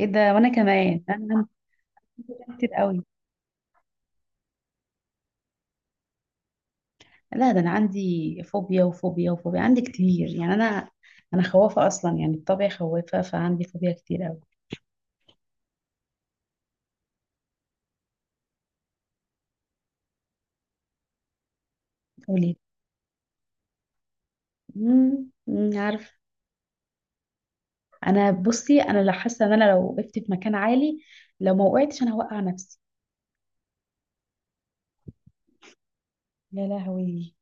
ايه ده؟ وانا كمان انا عندي فوبيا كتير قوي. لا، ده انا عندي فوبيا وفوبيا وفوبيا، عندي كتير، يعني انا خوافه اصلا، يعني بطبعي خوافه، فعندي فوبيا كتير قوي. قولي. امم. عارف. بصي، انا لا، حاسه ان انا لو وقفت في مكان عالي لو ما وقعتش انا هوقع نفسي. يا لهوي.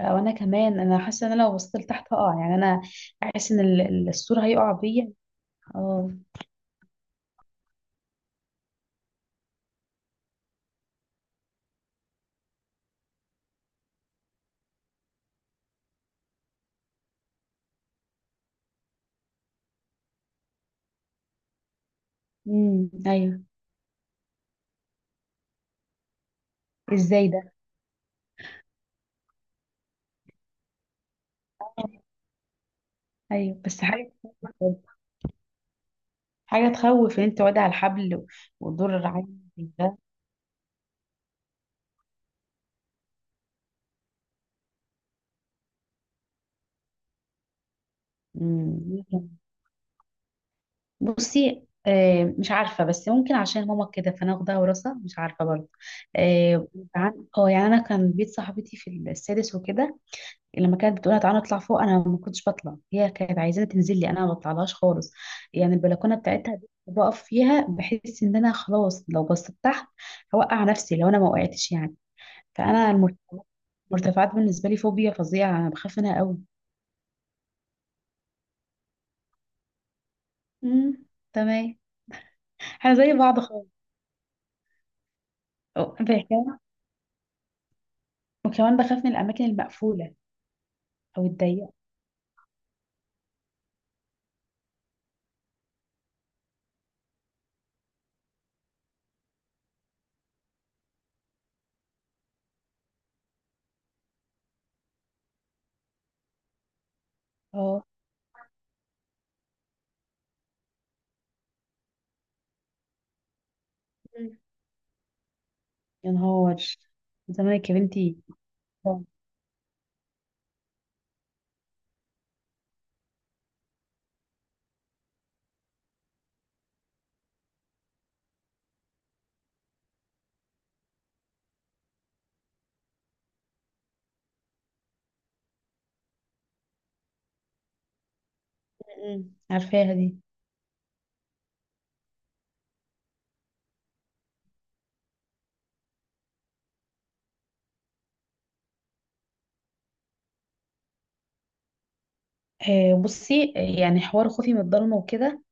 آه، وانا كمان انا حاسه ان انا لو بصيت لتحت هقع، يعني انا احس ان السور هيقع بيا. اه. امم، ايوه. ازاي ده؟ ايوه، بس حاجه، حاجة تخوف ان انت واقع على الحبل وتضر العين ده. مم. ممكن. بصي مش عارفة، بس ممكن عشان ماما كده فانا واخدها وراثة، مش عارفة برضه. اه. يعني انا كان بيت صاحبتي في السادس وكده، لما كانت بتقول لها تعالى نطلع فوق انا ما كنتش بطلع، هي كانت عايزاني تنزل لي، انا ما بطلعلهاش خالص. يعني البلكونة بتاعتها دي بقف فيها بحس ان انا خلاص لو بصيت تحت هوقع نفسي لو انا ما وقعتش يعني. فانا المرتفعات، المرتفعات بالنسبة لي فوبيا فظيعة، انا بخاف منها قوي. امم. تمام. احنا زي بعض خالص. اه، بحكاية. وكمان بخاف من الاماكن المقفوله او الضيقه. اه. مم. يا نهار. زمانك يا بنتي. آه. مم. عارفاها دي. آه، بصي يعني حوار خوفي من الضلمه وكده،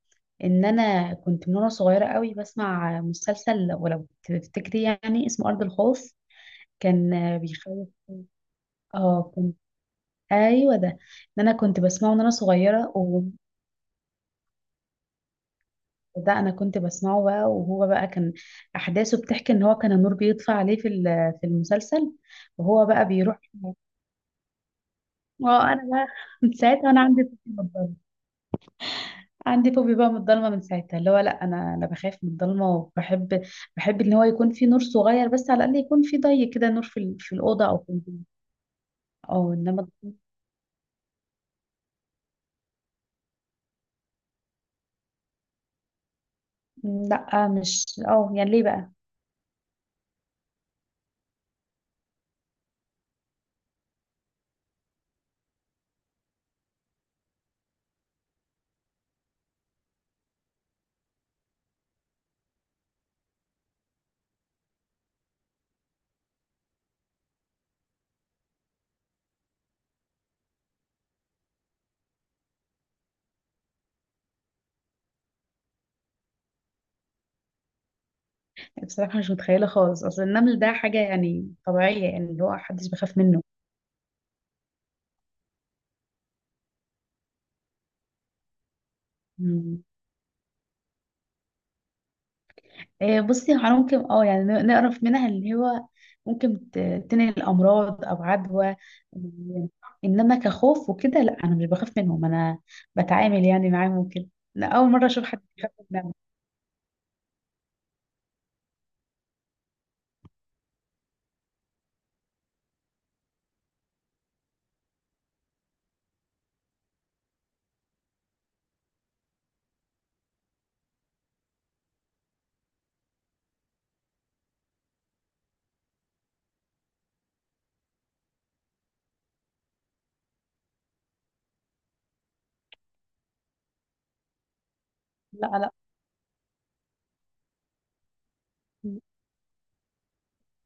ان انا كنت من وانا صغيره قوي بسمع مسلسل، ولو تفتكري يعني اسمه ارض الخوف، كان بيخوف. اه كنت. ايوه ده، ان انا كنت بسمعه من وانا صغيره. ده انا كنت بسمعه بقى، وهو بقى كان احداثه بتحكي ان هو كان النور بيطفى عليه في في المسلسل، وهو بقى بيروح. اه، انا بقى من ساعتها انا عندي فوبيا من الضلمه. عندي فوبيا بقى من الضلمه من ساعتها، اللي هو لا، انا بخاف من الضلمه، وبحب، بحب ان هو يكون في نور صغير، بس على الاقل يكون في ضي كده، نور في في الاوضه او في البيت. اه. انما لا، مش يعني ليه بقى؟ بصراحه مش متخيله خالص، اصل النمل ده حاجه يعني طبيعيه، يعني اللي هو محدش بيخاف منه. آه، بصي هو ممكن اه، يعني نعرف منها اللي هو ممكن تنقل امراض او عدوى. و- انما كخوف وكده لا، انا مش بخاف منهم، انا بتعامل يعني معاهم وكده. لا، اول مره اشوف حد بيخاف منهم. لا لا،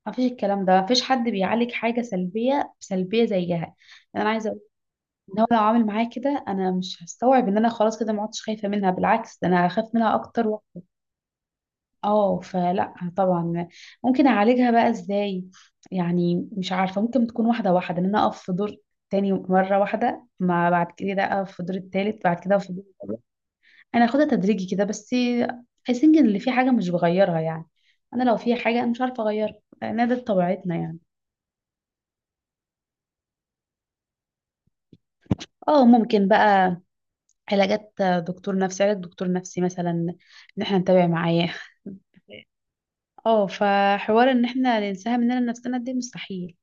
ما فيش الكلام ده، ما فيش حد بيعالج حاجه سلبيه سلبيه زيها يعني. انا عايزه اقول ان هو لو عامل معايا كده انا مش هستوعب ان انا خلاص كده ما عدتش خايفه منها، بالعكس ده انا هخاف منها اكتر. اه، فلا طبعا. ممكن اعالجها بقى ازاي؟ يعني مش عارفه، ممكن تكون واحده واحده، ان انا اقف في دور تاني مره واحده، ما بعد كده اقف في الدور التالت، بعد كده أقف في الدور الرابع. انا هاخدها تدريجي كده بس. I think ان اللي في حاجه مش بغيرها يعني، انا لو في حاجه انا مش عارفه اغيرها لان ده طبيعتنا يعني. اه، ممكن بقى علاجات دكتور نفسي، علاج دكتور نفسي مثلا، ان احنا نتابع معاه. اه، فحوار ان احنا ننساها مننا نفسنا دي مستحيل.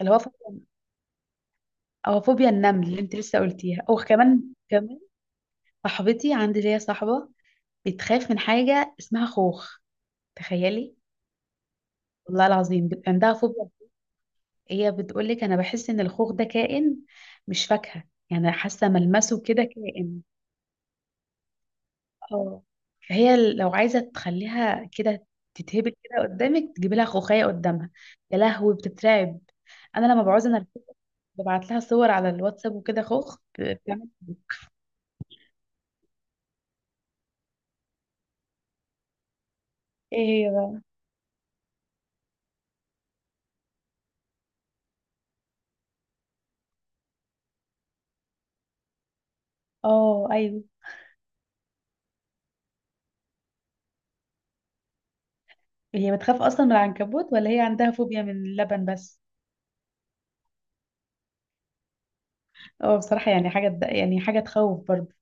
اللي هو او فوبيا النمل اللي انت لسه قلتيها، او كمان. كمان صاحبتي، عندي ليا صاحبه بتخاف من حاجه اسمها خوخ، تخيلي. والله العظيم بيبقى عندها فوبيا. هي بتقول لك انا بحس ان الخوخ ده كائن، مش فاكهه، يعني حاسه ملمسه كده كائن. اه. فهي لو عايزه تخليها كده تتهبل كده قدامك، تجيبي لها خوخيه قدامها، يا لهوي بتترعب. انا لما بعوز انا ببعت لها صور على الواتساب وكده خوخ، بتعمل. ايه هي بقى؟ اه ايوه. هي بتخاف اصلا من العنكبوت، ولا هي عندها فوبيا من اللبن بس؟ اه، بصراحه يعني يعني حاجه تخوف برضه.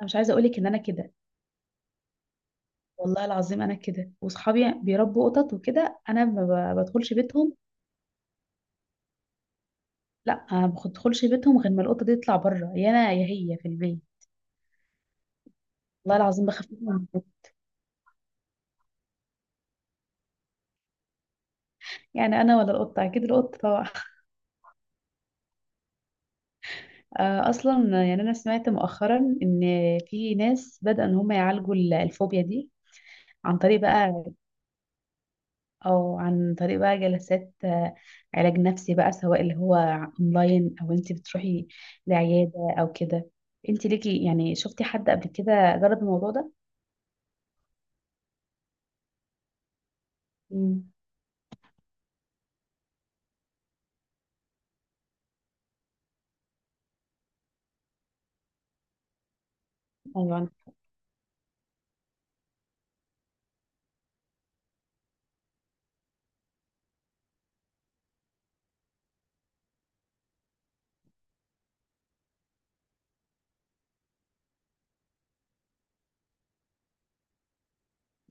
انا مش عايزه اقولك ان انا كده، والله العظيم انا كده، واصحابي بيربوا قطط وكده انا ما ب- بدخلش بيتهم. لا، ما بدخلش بيتهم غير ما القطه دي تطلع بره، يا انا يا هي في البيت. والله العظيم بخاف منهم. يعني انا ولا القطه؟ اكيد القطه طبعا. آه، اصلا يعني انا سمعت مؤخرا ان في ناس بدأوا ان هم يعالجوا الفوبيا دي عن طريق بقى، او عن طريق بقى جلسات آه، علاج نفسي بقى، سواء اللي هو اونلاين او انت بتروحي لعيادة او كده. انت ليكي يعني شفتي حد قبل كده جرب الموضوع ده؟ امم، ايوه.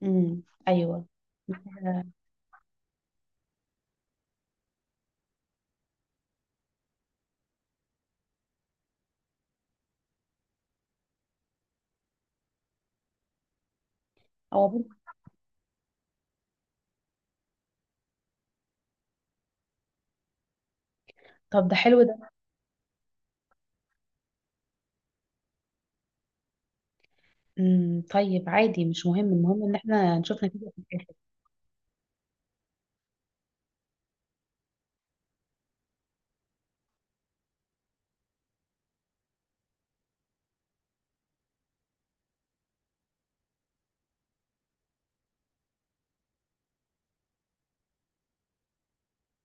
امم، ايوه. آه. هو برضه- طب ده حلو ده. امم، طيب عادي، مش مهم، المهم ان احنا نشوف نتيجة في الاخر.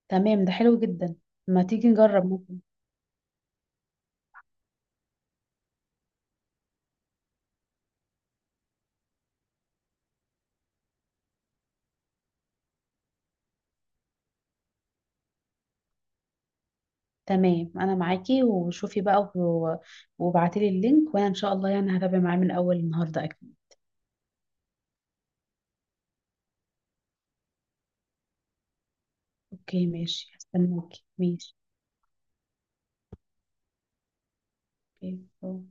تمام ده حلو جدا. ما تيجي نجرب، ممكن. تمام، انا معاكي وشوفي بقى وابعتيلي اللينك، وانا ان شاء الله يعني هتابع معاه من اول النهارده. اوكي ماشي، هستناكي، ماشي. اوكي. أوه.